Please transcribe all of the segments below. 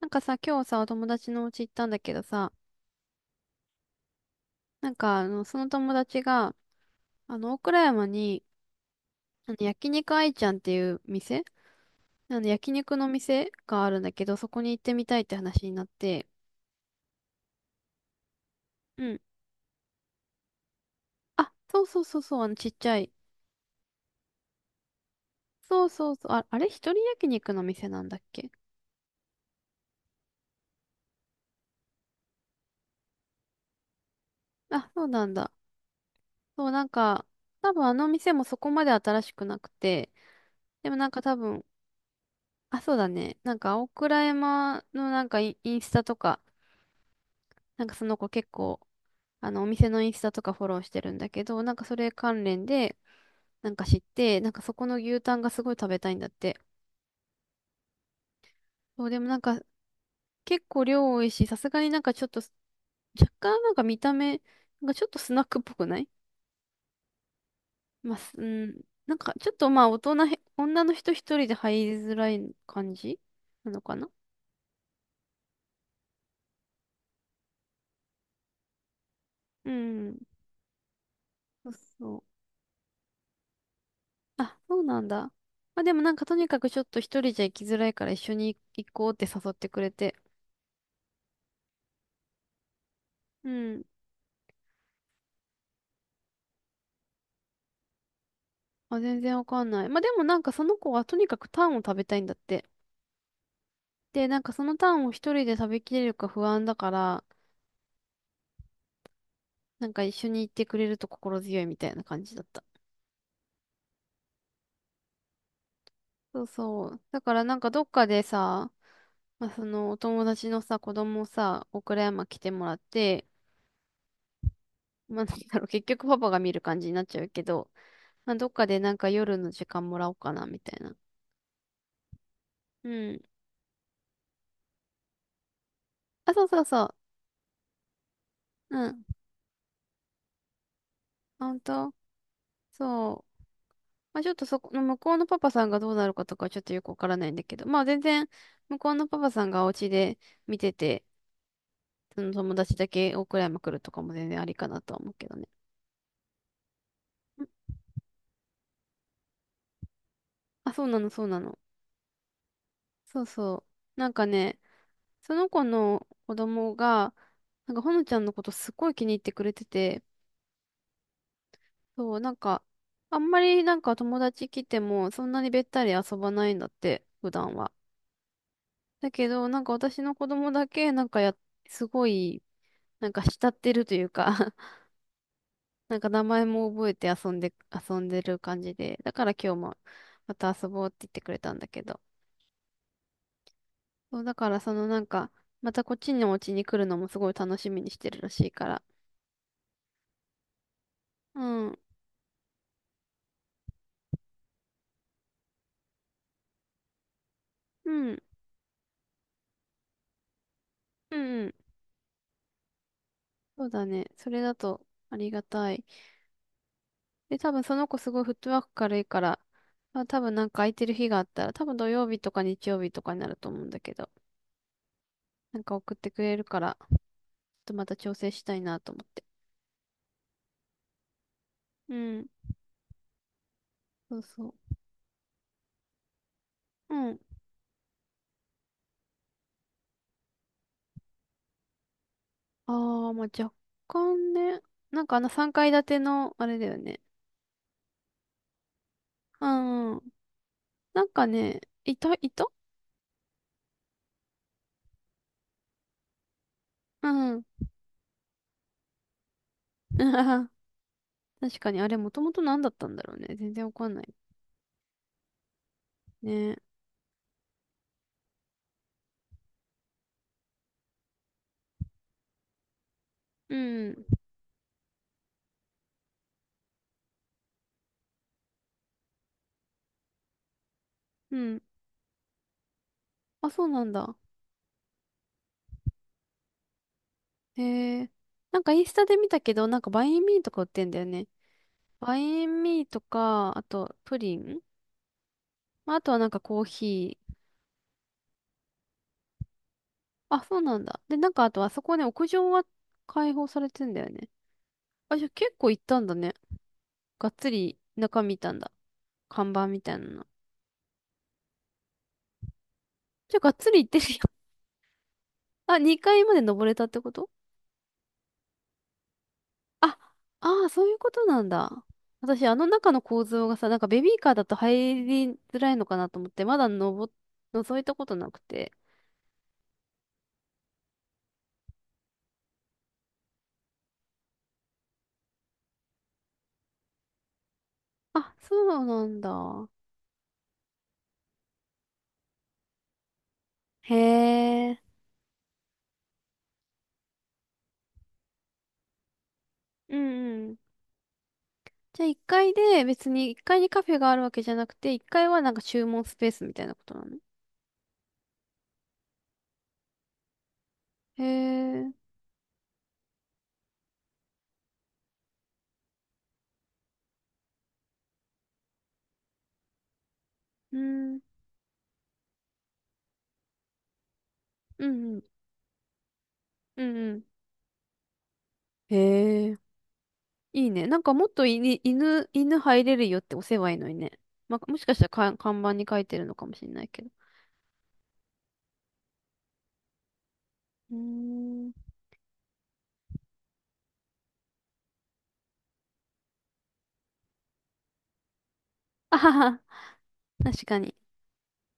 なんかさ、今日さ、お友達のお家行ったんだけどさ、なんか、その友達が、大倉山に、焼肉愛ちゃんっていう店、焼肉の店があるんだけど、そこに行ってみたいって話になって、うん。あ、そうそうそうそう、ちっちゃい。そうそうそう、あ、あれ一人焼肉の店なんだっけ？あ、そうなんだ。そう、なんか、多分あの店もそこまで新しくなくて、でもなんか多分、あ、そうだね。なんか、青倉山のなんかインスタとか、なんかその子結構、お店のインスタとかフォローしてるんだけど、なんかそれ関連で、なんか知って、なんかそこの牛タンがすごい食べたいんだって。そう、でもなんか結構量多いし、さすがになんかちょっと、若干なんか見た目がちょっとスナックっぽくない？まあ、すうん、なんかちょっとまあ大人へ、女の人一人で入りづらい感じなのかな？うん。そうそう。あ、そうなんだ。まあでもなんかとにかくちょっと一人じゃ行きづらいから一緒に行こうって誘ってくれて。うん。あ、全然わかんない。まあ、でもなんかその子はとにかくタンを食べたいんだって。で、なんかそのタンを一人で食べきれるか不安だから、なんか一緒に行ってくれると心強いみたいな感じだった。そうそう。だからなんかどっかでさ、まあ、そのお友達のさ、子供をさ、岡山来てもらって、まあ、なんだろう、結局パパが見る感じになっちゃうけど、まあ、どっかでなんか夜の時間もらおうかな、みたいな。うん。あ、そうそうそう。うん。ほんとそう。まあ、ちょっとそこの向こうのパパさんがどうなるかとかはちょっとよくわからないんだけど、まあ全然向こうのパパさんがお家で見てて、その友達だけ大倉山来るとかも全然ありかなとは思うけどね。ん、あ、そうなの、そうなの。そうそう。なんかね、その子の子供が、なんかほのちゃんのことすごい気に入ってくれてて、そう、なんか、あんまりなんか友達来てもそんなにべったり遊ばないんだって、普段は。だけど、なんか私の子供だけ、なんかや、すごい、なんか慕ってるというか なんか名前も覚えて遊んで、遊んでる感じで、だから今日もまた遊ぼうって言ってくれたんだけど、そう、だからそのなんか、またこっちのお家に来るのもすごい楽しみにしてるらしいから。うん、うん、うん、うん。そうだね。それだとありがたい。で、多分その子すごいフットワーク軽いから、まあ、多分なんか空いてる日があったら、多分土曜日とか日曜日とかになると思うんだけど、なんか送ってくれるから、ちょっとまた調整したいなと思って。うん、そうそう。うん。ああ、まあ若干ね。なんか3階建ての、あれだよね。うんうん。なんかね、いた、うん。確かに、あれもともと何だったんだろうね。全然わかんない。ね。うん。うん。あ、そうなんだ。へえ。なんかインスタで見たけど、なんかバインミーとか売ってんだよね。バインミーとか、あとプリン。まあ、あとはなんかコーヒー。あ、そうなんだ。で、なんかあとあそこね、屋上は開放されてんだよね。あ、じゃあ結構行ったんだね。がっつり中見たんだ。看板みたいなの。じゃあ、がっつり行ってるよ。あ、2階まで登れたってこと？あ、ああ、そういうことなんだ。私、あの中の構造がさ、なんかベビーカーだと入りづらいのかなと思って、まだ登っ、覗いたことなくて。あ、そうなんだ。へえ。うんうん。じゃあ、1階で別に1階にカフェがあるわけじゃなくて、1階はなんか注文スペースみたいなことなの？へえ。うん。うんうん。うんうん。へえ。いいね。なんかもっとい、犬、犬入れるよって押せばいいのにね。まあ、もしかしたらか看板に書いてるのかもしれないけど。うーん。あはは、確かに。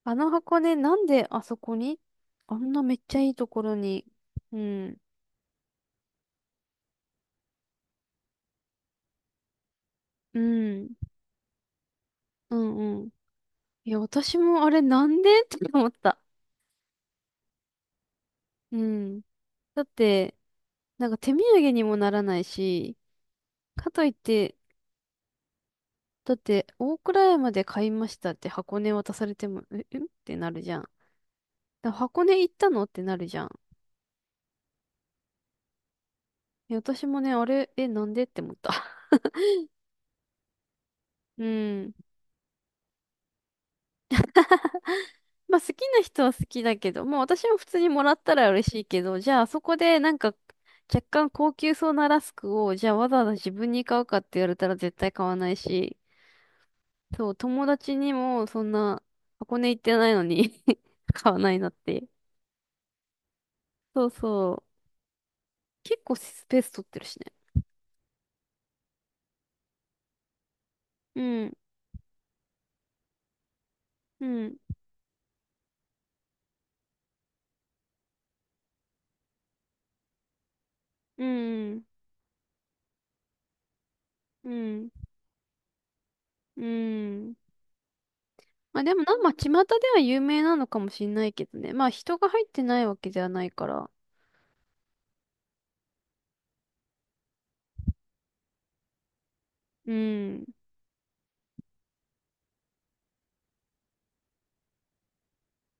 あの箱根、なんであそこにあんなめっちゃいいところに。うん。うん。うんうん。いや、私もあれなんでって思った。うん。だって、なんか手土産にもならないし、かといって、だって、大倉山で買いましたって箱根渡されても、え、えってなるじゃん。だ箱根行ったのってなるじゃん。いや私もね、あれ、え、なんでって思った。うん。まあ好きな人は好きだけど、まあ私も普通にもらったら嬉しいけど、じゃあそこでなんか若干高級そうなラスクを、じゃあわざわざ自分に買うかって言われたら絶対買わないし、そう、友達にもそんな箱根行ってないのに 買わないなって。そうそう。結構スペース取ってるしね。うん、うん、うん、うん、うん。まあでもな、まあ、巷では有名なのかもしんないけどね。まあ人が入ってないわけじゃないから。うん。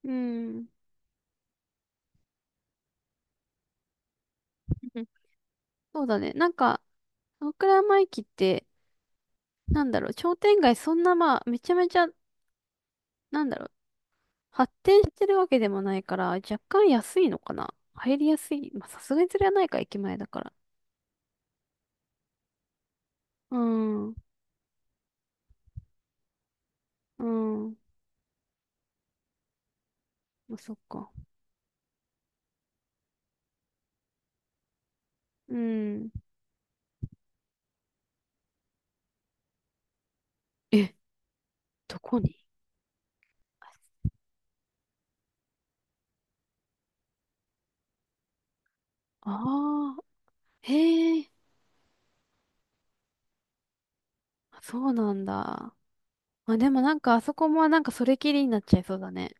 うん。そうだね。なんか、大倉山駅って、なんだろう、商店街そんなまあ、めちゃめちゃ、なんだろう、発展してるわけでもないから、若干安いのかな。入りやすい。まあさすがにそれはないか、駅前だから。うん。うん。まあそっか。うん。え、どこに？ああー、へえ、そうなんだ。まあでもなんかあそこもなんかそれきりになっちゃいそうだね。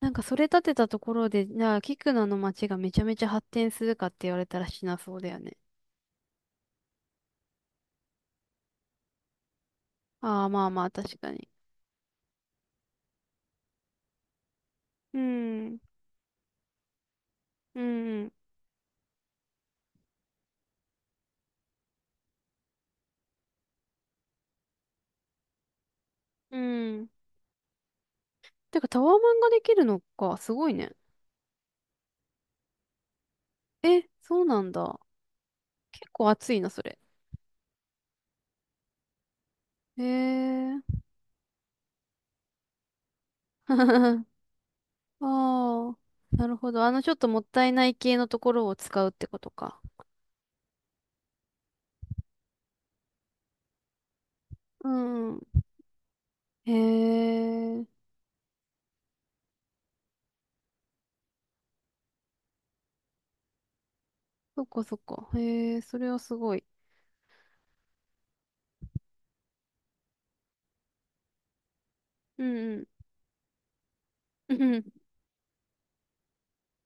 なんかそれ立てたところで、じゃあ、キクナの街がめちゃめちゃ発展するかって言われたらしなそうだよね。ああ、まあまあ、確かに。うん、うん、うん。てか、タワーマンができるのか、すごいね。え、そうなんだ。結構熱いな、それ。へえ。ああ、なるほど。ちょっともったいない系のところを使うってことか。うん。へえ。そっかそっか。へえ、それはすごい。うんうんうん。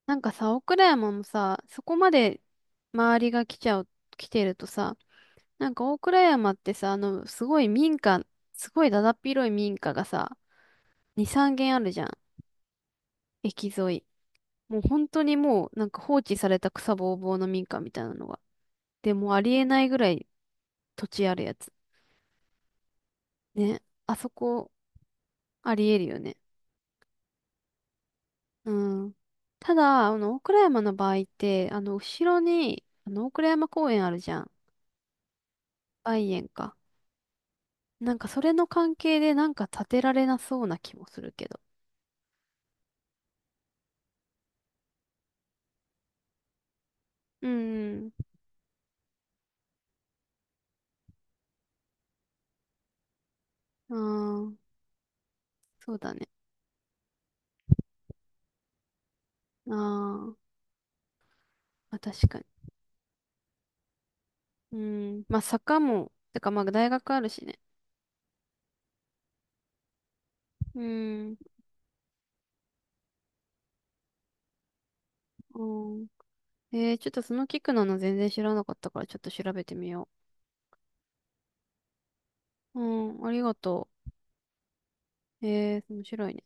なんかさ、大倉山もさ、そこまで周りが来ちゃう、来てるとさ、なんか大倉山ってさ、すごい民家、すごいだだっ広い民家がさ、2、3軒あるじゃん。駅沿い。もう本当にもう、なんか放置された草ぼうぼうの民家みたいなのが。でもうありえないぐらい土地あるやつ。ね。あそこ、ありえるよね。うん。ただ、大倉山の場合って、後ろに、大倉山公園あるじゃん。梅園か。なんかそれの関係でなんか建てられなそうな気もするけど。うん。ああ、そうだね。あーまあ、確かに。うん。まあ坂も、てかまあ大学あるしね。うん。うん。えー、ちょっとそのキックなの全然知らなかったからちょっと調べてみよう。うん、ありがとう。えー、面白いね。